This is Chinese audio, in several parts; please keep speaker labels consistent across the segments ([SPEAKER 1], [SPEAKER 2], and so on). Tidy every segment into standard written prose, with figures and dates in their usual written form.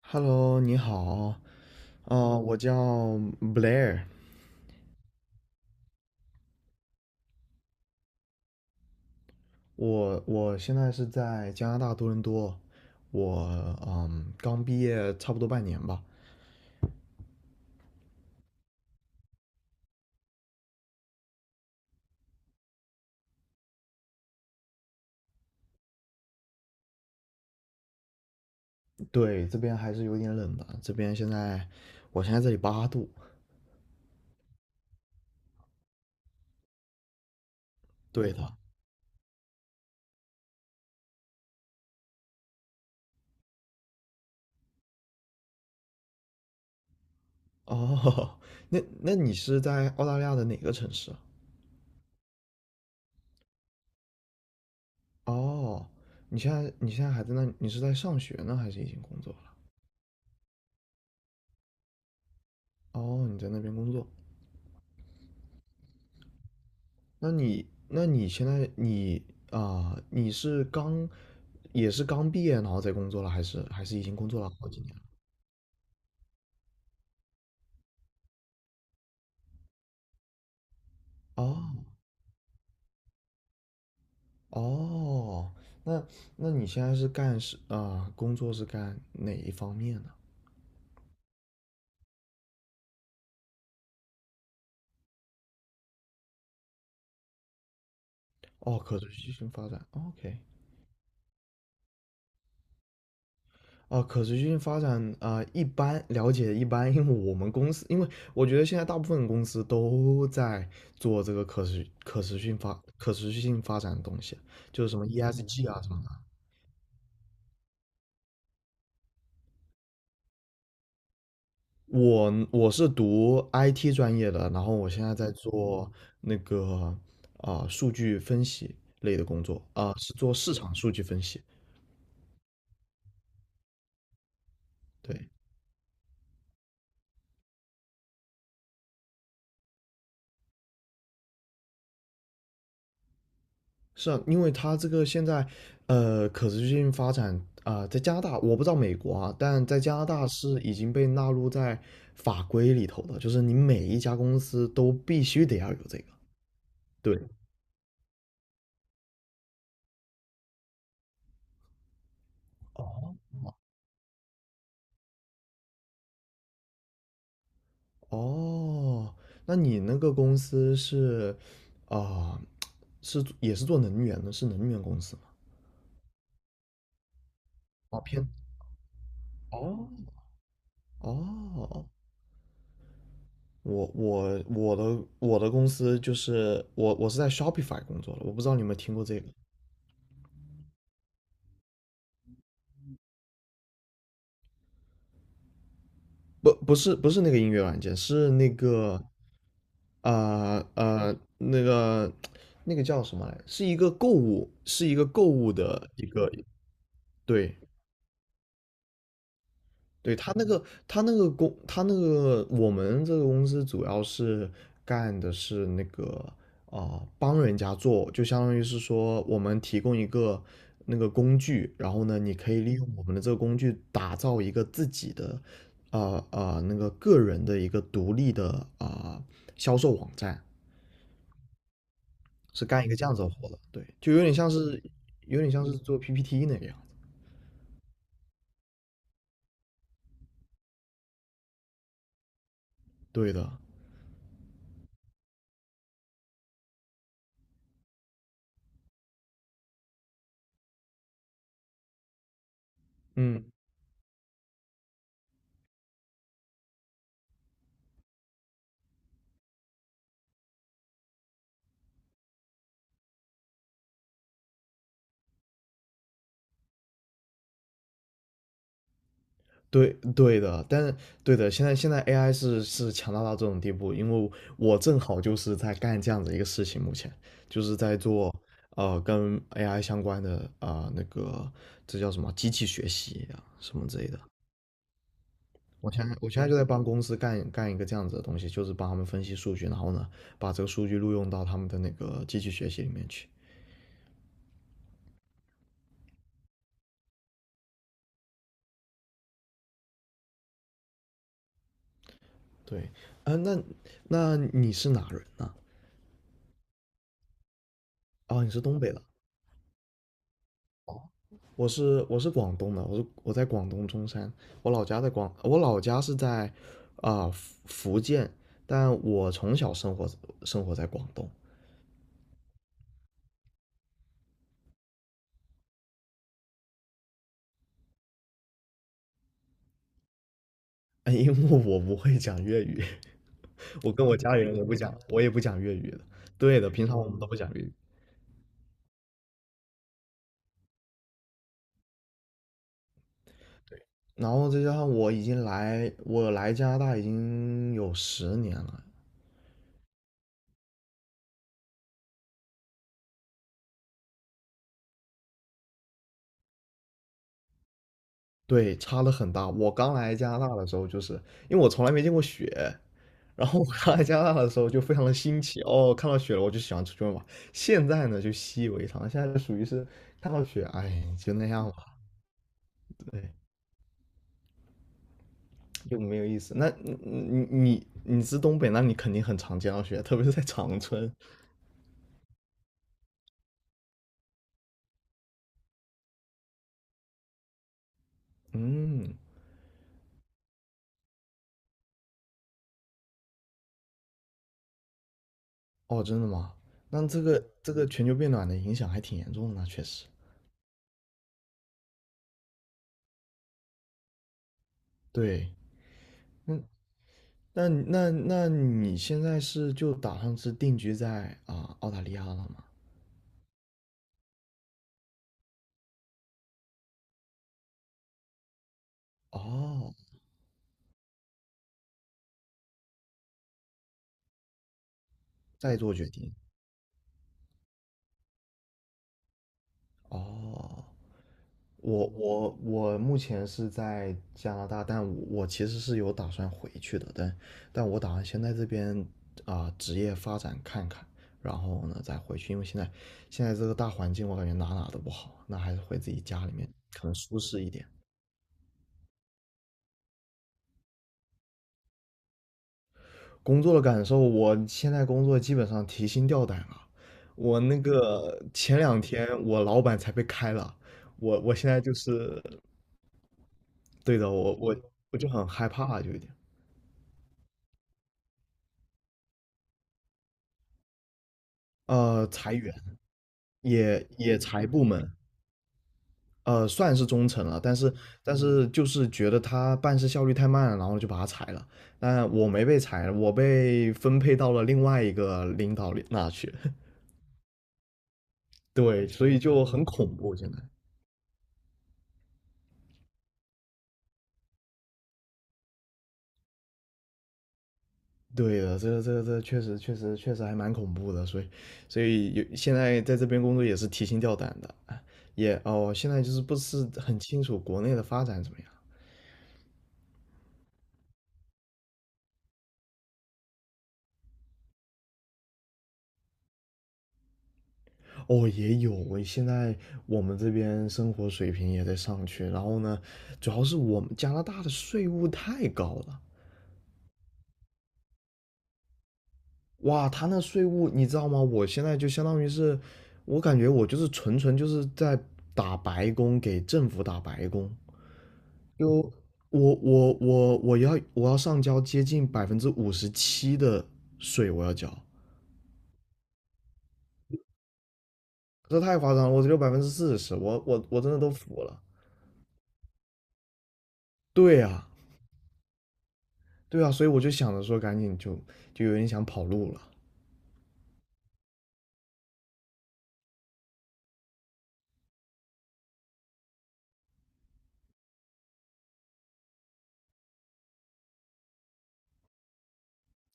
[SPEAKER 1] Hello，你好，我叫 Blair，我现在是在加拿大多伦多，我刚毕业差不多半年吧。对，这边还是有点冷的。这边现在我现在这里8度。对的。哦，那你是在澳大利亚的哪个城市啊？哦，你现在还在那，你是在上学呢，还是已经工作了？哦，你在那边工作。那你现在你你是刚也是刚毕业然后在工作了，还是已经工作了好几年了？哦哦，那那你现在是干工作是干哪一方面呢？哦，可持续性发展哦，OK。哦，可持续性发展一般了解一般，因为我们公司，因为我觉得现在大部分公司都在做这个可持续性发展的东西，就是什么 ESG 啊什么的。我是读 IT 专业的，然后我现在在做那个数据分析类的工作是做市场数据分析。对。是啊，因为它这个现在可持续性发展在加拿大我不知道美国啊，但在加拿大是已经被纳入在法规里头的，就是你每一家公司都必须得要有这个。对。哦，那你那个公司是啊、是也是做能源的，是能源公司吗？哦，偏哦哦，我的我的公司就是我是在 Shopify 工作的，我不知道你有没有听过这个。不是那个音乐软件，是那个啊呃那个那个叫什么来，是一个购物是一个购物的一个对。对，他那个，他那个公，他那个我们这个公司主要是干的是那个帮人家做，就相当于是说我们提供一个那个工具，然后呢，你可以利用我们的这个工具打造一个自己的那个个人的一个独立的啊、呃销售网站，是干一个这样子的活的。对，就有点像是做 PPT 那个样子。对的。嗯。对的，但是对的，现在AI 是强大到这种地步，因为我正好就是在干这样子一个事情，目前就是在做跟 AI 相关的那个，这叫什么机器学习啊什么之类的。我现在就在帮公司干一个这样子的东西，就是帮他们分析数据，然后呢把这个数据录用到他们的那个机器学习里面去。对。那那你是哪人呢？哦，你是东北的。我是广东的，我是我在广东中山，我老家是在福建，但我从小生活在广东。哎，因为我不会讲粤语。我跟我家里人也不讲，我也不讲粤语的。对的，平常我们都不讲粤语。然后再加上我来加拿大已经有10年了。对，差的很大。我刚来加拿大的时候，就是因为我从来没见过雪，然后我刚来加拿大的时候就非常的新奇哦，看到雪了我就喜欢出去玩嘛。现在呢就习以为常，现在就属于是看到雪，哎，就那样吧。对，就没有意思。那你是东北，那你肯定很常见到雪，特别是在长春。嗯，哦，真的吗？那这个全球变暖的影响还挺严重的呢，确实。对，那那那你现在是就打算是定居在澳大利亚了吗？哦，再做决定。哦，我我目前是在加拿大，但我我其实是有打算回去的，但但我打算先在这边职业发展看看，然后呢再回去，因为现在这个大环境我感觉哪哪都不好，那还是回自己家里面可能舒适一点。工作的感受，我现在工作基本上提心吊胆了。我那个前两天我老板才被开了，我现在就是对的，我就很害怕，就有点。裁员，也裁部门。算是中层了，但是但是就是觉得他办事效率太慢了，然后就把他裁了。但我没被裁，我被分配到了另外一个领导里那去。对，所以就很恐怖现在。对的，这个确实还蛮恐怖的，所以所以有现在在这边工作也是提心吊胆的。哎，哦，现在就是不是很清楚国内的发展怎么样。哦，也有。我现在我们这边生活水平也在上去，然后呢，主要是我们加拿大的税务太高了。哇，他那税务你知道吗？我现在就相当于是，我感觉我就是纯纯就是在打白工，给政府打白工。就我要上交接近57%的税，我要交。这太夸张了，我只有40%，我真的都服了。对呀、对啊，所以我就想着说，赶紧就就有点想跑路了。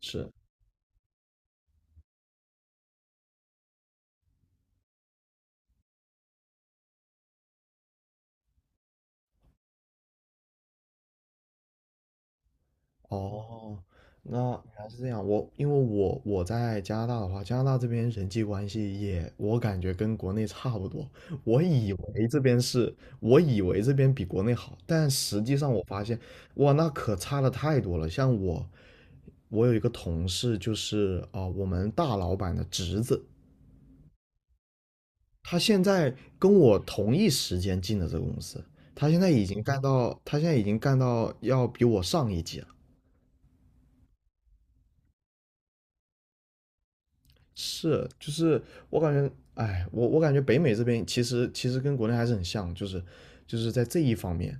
[SPEAKER 1] 是。哦，那原来是这样。因为我我在加拿大的话，加拿大这边人际关系也，我感觉跟国内差不多。我以为这边是，我以为这边比国内好，但实际上我发现，哇，那可差的太多了。像我，我有一个同事，就是我们大老板的侄子，他现在跟我同一时间进的这个公司，他现在已经干到要比我上一级了。是，就是我感觉，哎，我感觉北美这边其实跟国内还是很像，就是就是在这一方面，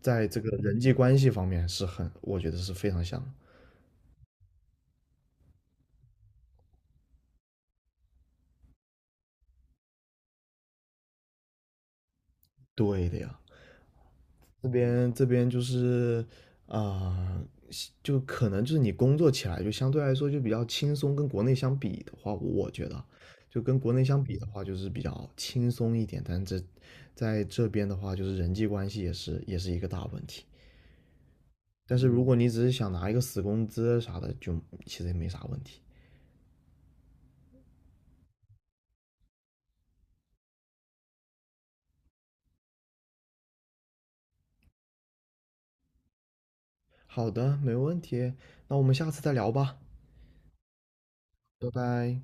[SPEAKER 1] 在这个人际关系方面是很，我觉得是非常像的。对的呀，这边就是啊、就可能就是你工作起来就相对来说就比较轻松，跟国内相比的话，我觉得就跟国内相比的话，就是比较轻松一点。但这在这边的话，就是人际关系也是一个大问题。但是如果你只是想拿一个死工资啥的，就其实也没啥问题。好的，没问题，那我们下次再聊吧。拜拜。